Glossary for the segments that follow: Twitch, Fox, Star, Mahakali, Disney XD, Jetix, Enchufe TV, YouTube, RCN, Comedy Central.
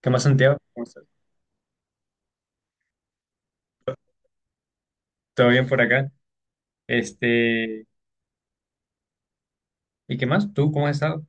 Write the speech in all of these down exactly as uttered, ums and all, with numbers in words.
¿Qué más, Santiago? ¿Cómo estás? ¿Todo bien por acá? Este, ¿y qué más? ¿Tú cómo has estado?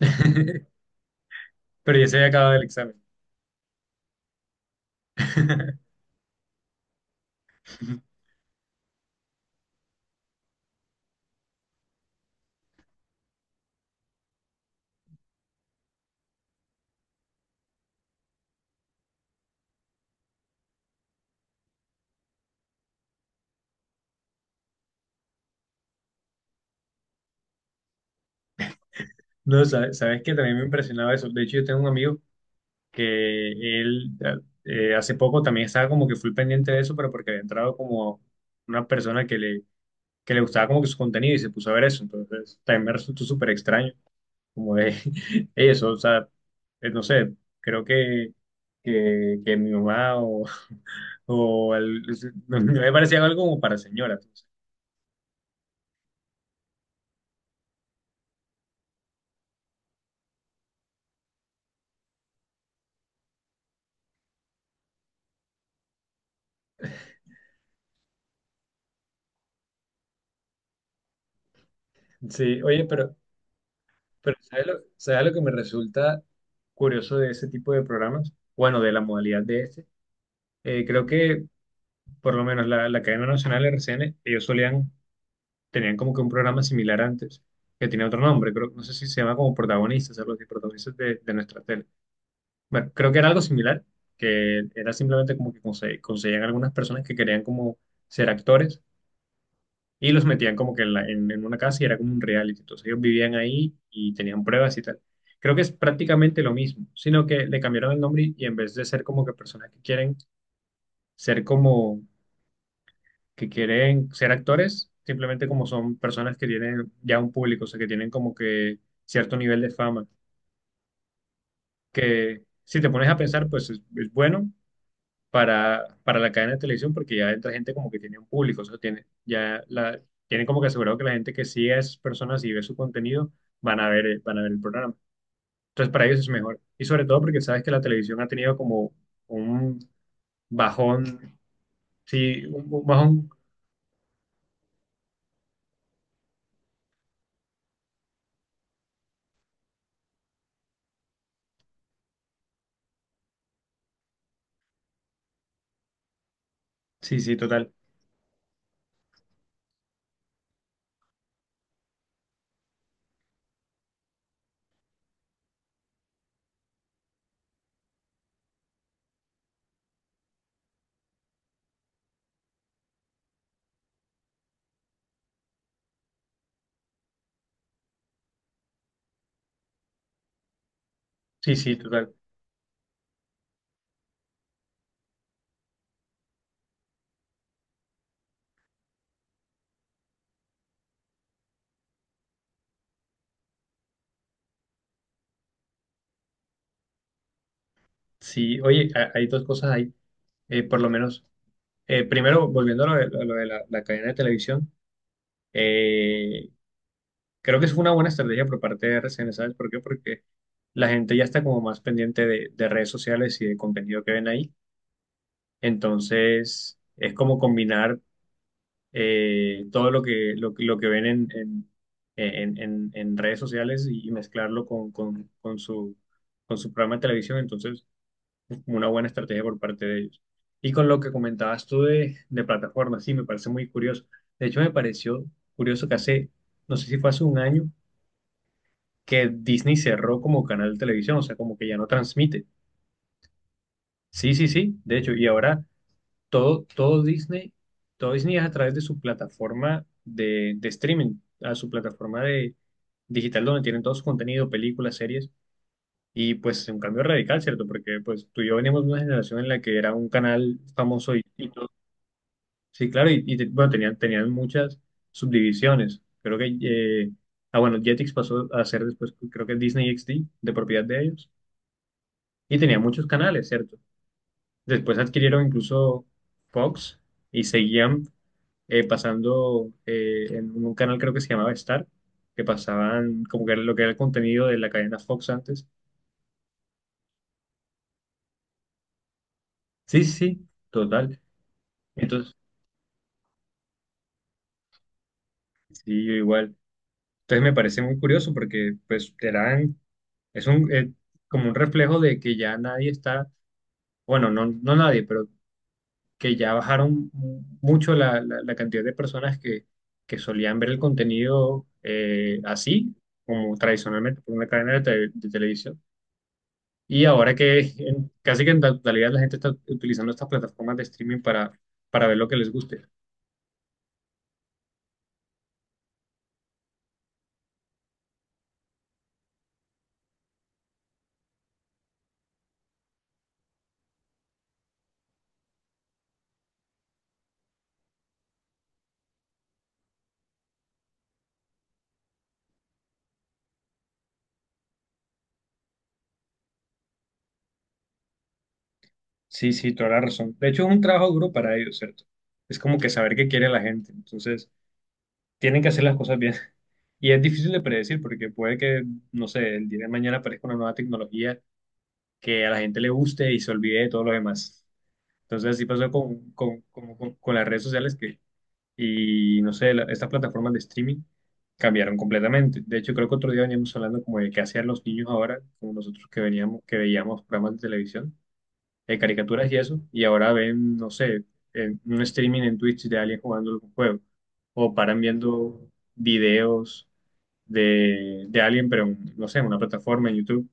Pero ya se había acabado el examen. No, sa- sabes que también me impresionaba eso. De hecho, yo tengo un amigo que él eh, hace poco también estaba como que full pendiente de eso, pero porque había entrado como una persona que le, que le gustaba como que su contenido y se puso a ver eso. Entonces también me resultó súper extraño, como de eso, o sea, eh, no sé, creo que, que, que mi mamá o, o el- me parecía algo como para señora. Entonces. Sí, oye, pero, pero ¿sabes lo, ¿sabes lo que me resulta curioso de ese tipo de programas? Bueno, de la modalidad de este. Eh, creo que por lo menos la, la cadena nacional R C N, ellos solían, tenían como que un programa similar antes, que tenía otro nombre, creo, no sé si se llama como protagonistas, algo así, protagonistas de, de nuestra tele. Bueno, creo que era algo similar, que era simplemente como que conse- conseguían algunas personas que querían como ser actores y los metían como que en, la- en- en una casa y era como un reality, entonces ellos vivían ahí y tenían pruebas y tal. Creo que es prácticamente lo mismo, sino que le cambiaron el nombre y, y en vez de ser como que personas que quieren ser como que quieren ser actores, simplemente como son personas que tienen ya un público, o sea, que tienen como que cierto nivel de fama, que si te pones a pensar, pues es, es bueno para, para la cadena de televisión porque ya entra gente como que tiene un público, o sea, tiene, ya la, tienen como que asegurado que la gente que sigue a esas personas y ve su contenido van a ver, el- van a ver el programa. Entonces, para ellos es mejor. Y sobre todo porque sabes que la televisión ha tenido como un bajón, sí, un un bajón, sí, sí, total. Sí, sí, total. Sí, oye, ha- hay dos cosas ahí, eh, por lo menos. Eh, primero, volviendo a lo de, a lo de la, la cadena de televisión, eh, creo que es una buena estrategia por parte de R C N, ¿sabes por qué? Porque la gente ya está como más pendiente de, de redes sociales y de contenido que ven ahí. Entonces, es como combinar eh, todo lo que, lo, que lo que ven en, en, en- en- en redes sociales y mezclarlo con, con, con su, con su programa de televisión. Entonces, una buena estrategia por parte de ellos. Y con lo que comentabas tú de, de plataformas, sí, me parece muy curioso. De hecho, me pareció curioso que hace, no sé si fue hace un año, que Disney cerró como canal de televisión, o sea, como que ya no transmite. Sí, sí, sí, de hecho, y ahora todo, todo Disney, todo Disney es a través de su plataforma de, de streaming, a su plataforma de digital donde tienen todo su contenido, películas, series. Y pues es un cambio radical, ¿cierto? Porque pues tú y yo venimos de una generación en la que era un canal famoso y sí, claro, y, y te- bueno, tenían, tenían muchas subdivisiones. Creo que, eh, ah, bueno, Jetix pasó a ser después, creo que Disney X D, de propiedad de ellos, y tenía muchos canales, ¿cierto? Después adquirieron incluso Fox y seguían eh, pasando eh, en un canal, creo que se llamaba Star, que pasaban como que era lo que era el contenido de la cadena Fox antes. Sí, sí, sí, total. Entonces, sí, yo igual. Entonces me parece muy curioso porque pues eran es un, eh, como un reflejo de que ya nadie está, bueno, no, no nadie, pero que ya bajaron mu- mucho la, la- la cantidad de personas que, que solían ver el contenido eh, así, como tradicionalmente por una cadena de, te- de televisión. Y ahora que en- casi que en la totalidad la gente está utilizando estas plataformas de streaming para, para ver lo que les guste. Sí, sí, toda la razón. De hecho, es un trabajo duro para ellos, ¿cierto? Es como que saber qué quiere la gente. Entonces... tienen que hacer las cosas bien. Y es difícil de predecir porque puede que, no sé, el día de mañana aparezca una nueva tecnología que a la gente le guste y se olvide de todo lo demás. Entonces así pasó con, con, como con- con las redes sociales que, y no sé, la- estas plataformas de streaming cambiaron completamente. De hecho, creo que otro día veníamos hablando como de qué hacían los niños ahora, como nosotros que veníamos, que veíamos programas de televisión, de caricaturas y eso, y ahora ven, no sé, en un streaming en Twitch de alguien jugando algún juego, o paran viendo videos de, de alguien, pero en, no sé, en una plataforma, en YouTube.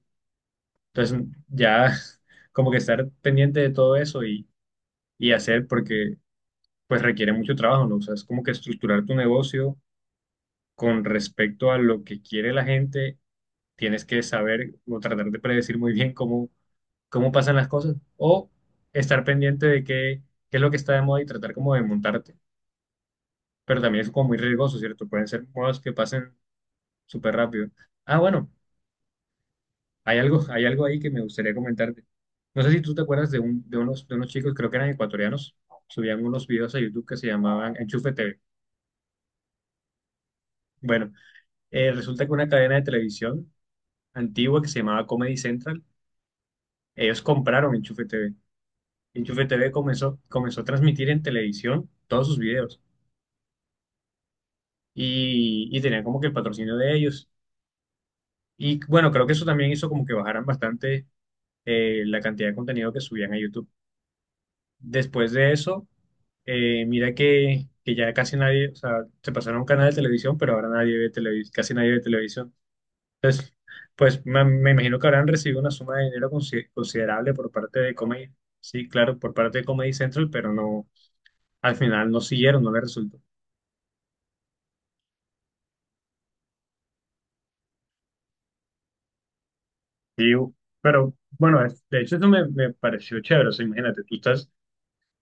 Entonces, ya como que estar pendiente de todo eso y, y hacer, porque pues requiere mucho trabajo, ¿no? O sea, es como que estructurar tu negocio con respecto a lo que quiere la gente, tienes que saber o tratar de predecir muy bien cómo, cómo pasan las cosas o estar pendiente de qué, qué es lo que está de moda y tratar como de montarte. Pero también es como muy riesgoso, ¿cierto? Pueden ser modas que pasen súper rápido. Ah, bueno. Hay algo, hay algo ahí que me gustaría comentarte. No sé si tú te acuerdas de, un, de, unos, de unos chicos, creo que eran ecuatorianos, subían unos videos a YouTube que se llamaban Enchufe T V. Bueno, eh, resulta que una cadena de televisión antigua que se llamaba Comedy Central, ellos compraron Enchufe T V. Enchufe T V comenzó, comenzó a transmitir en televisión todos sus videos y, y tenían como que el patrocinio de ellos. Y bueno, creo que eso también hizo como que bajaran bastante eh, la cantidad de contenido que subían a YouTube. Después de eso eh, mira que, que ya casi nadie, o sea, se pasaron a un canal de televisión, pero ahora nadie ve televisión, casi nadie ve televisión. Entonces, pues me, me imagino que habrán recibido una suma de dinero consi- considerable por parte de Comedy, sí, claro, por parte de Comedy Central, pero no, al final no siguieron, no les resultó. Y, pero bueno, es- de hecho eso me, me pareció chévere, o sea, imagínate, tú estás,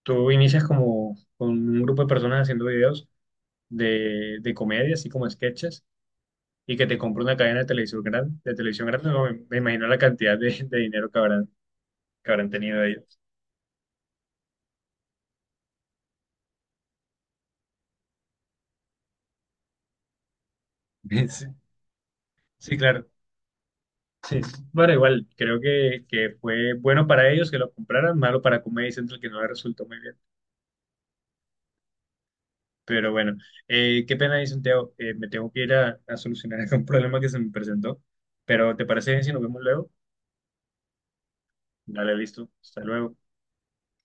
tú inicias como con un grupo de personas haciendo videos de, de comedia, así como sketches y que te compre una cadena de televisión grande, de televisión grande, no, me, me imagino la cantidad de, de dinero que habrán, que habrán tenido ellos. Sí, sí, claro. Sí, sí. Bueno, igual, creo que, que fue bueno para ellos que lo compraran, malo para Comedy Central que no le resultó muy bien. Pero bueno, eh, qué pena, ahí, Santiago, eh, me tengo que ir a, a solucionar un problema que se me presentó. Pero ¿te parece bien si nos vemos luego? Dale, listo. Hasta luego.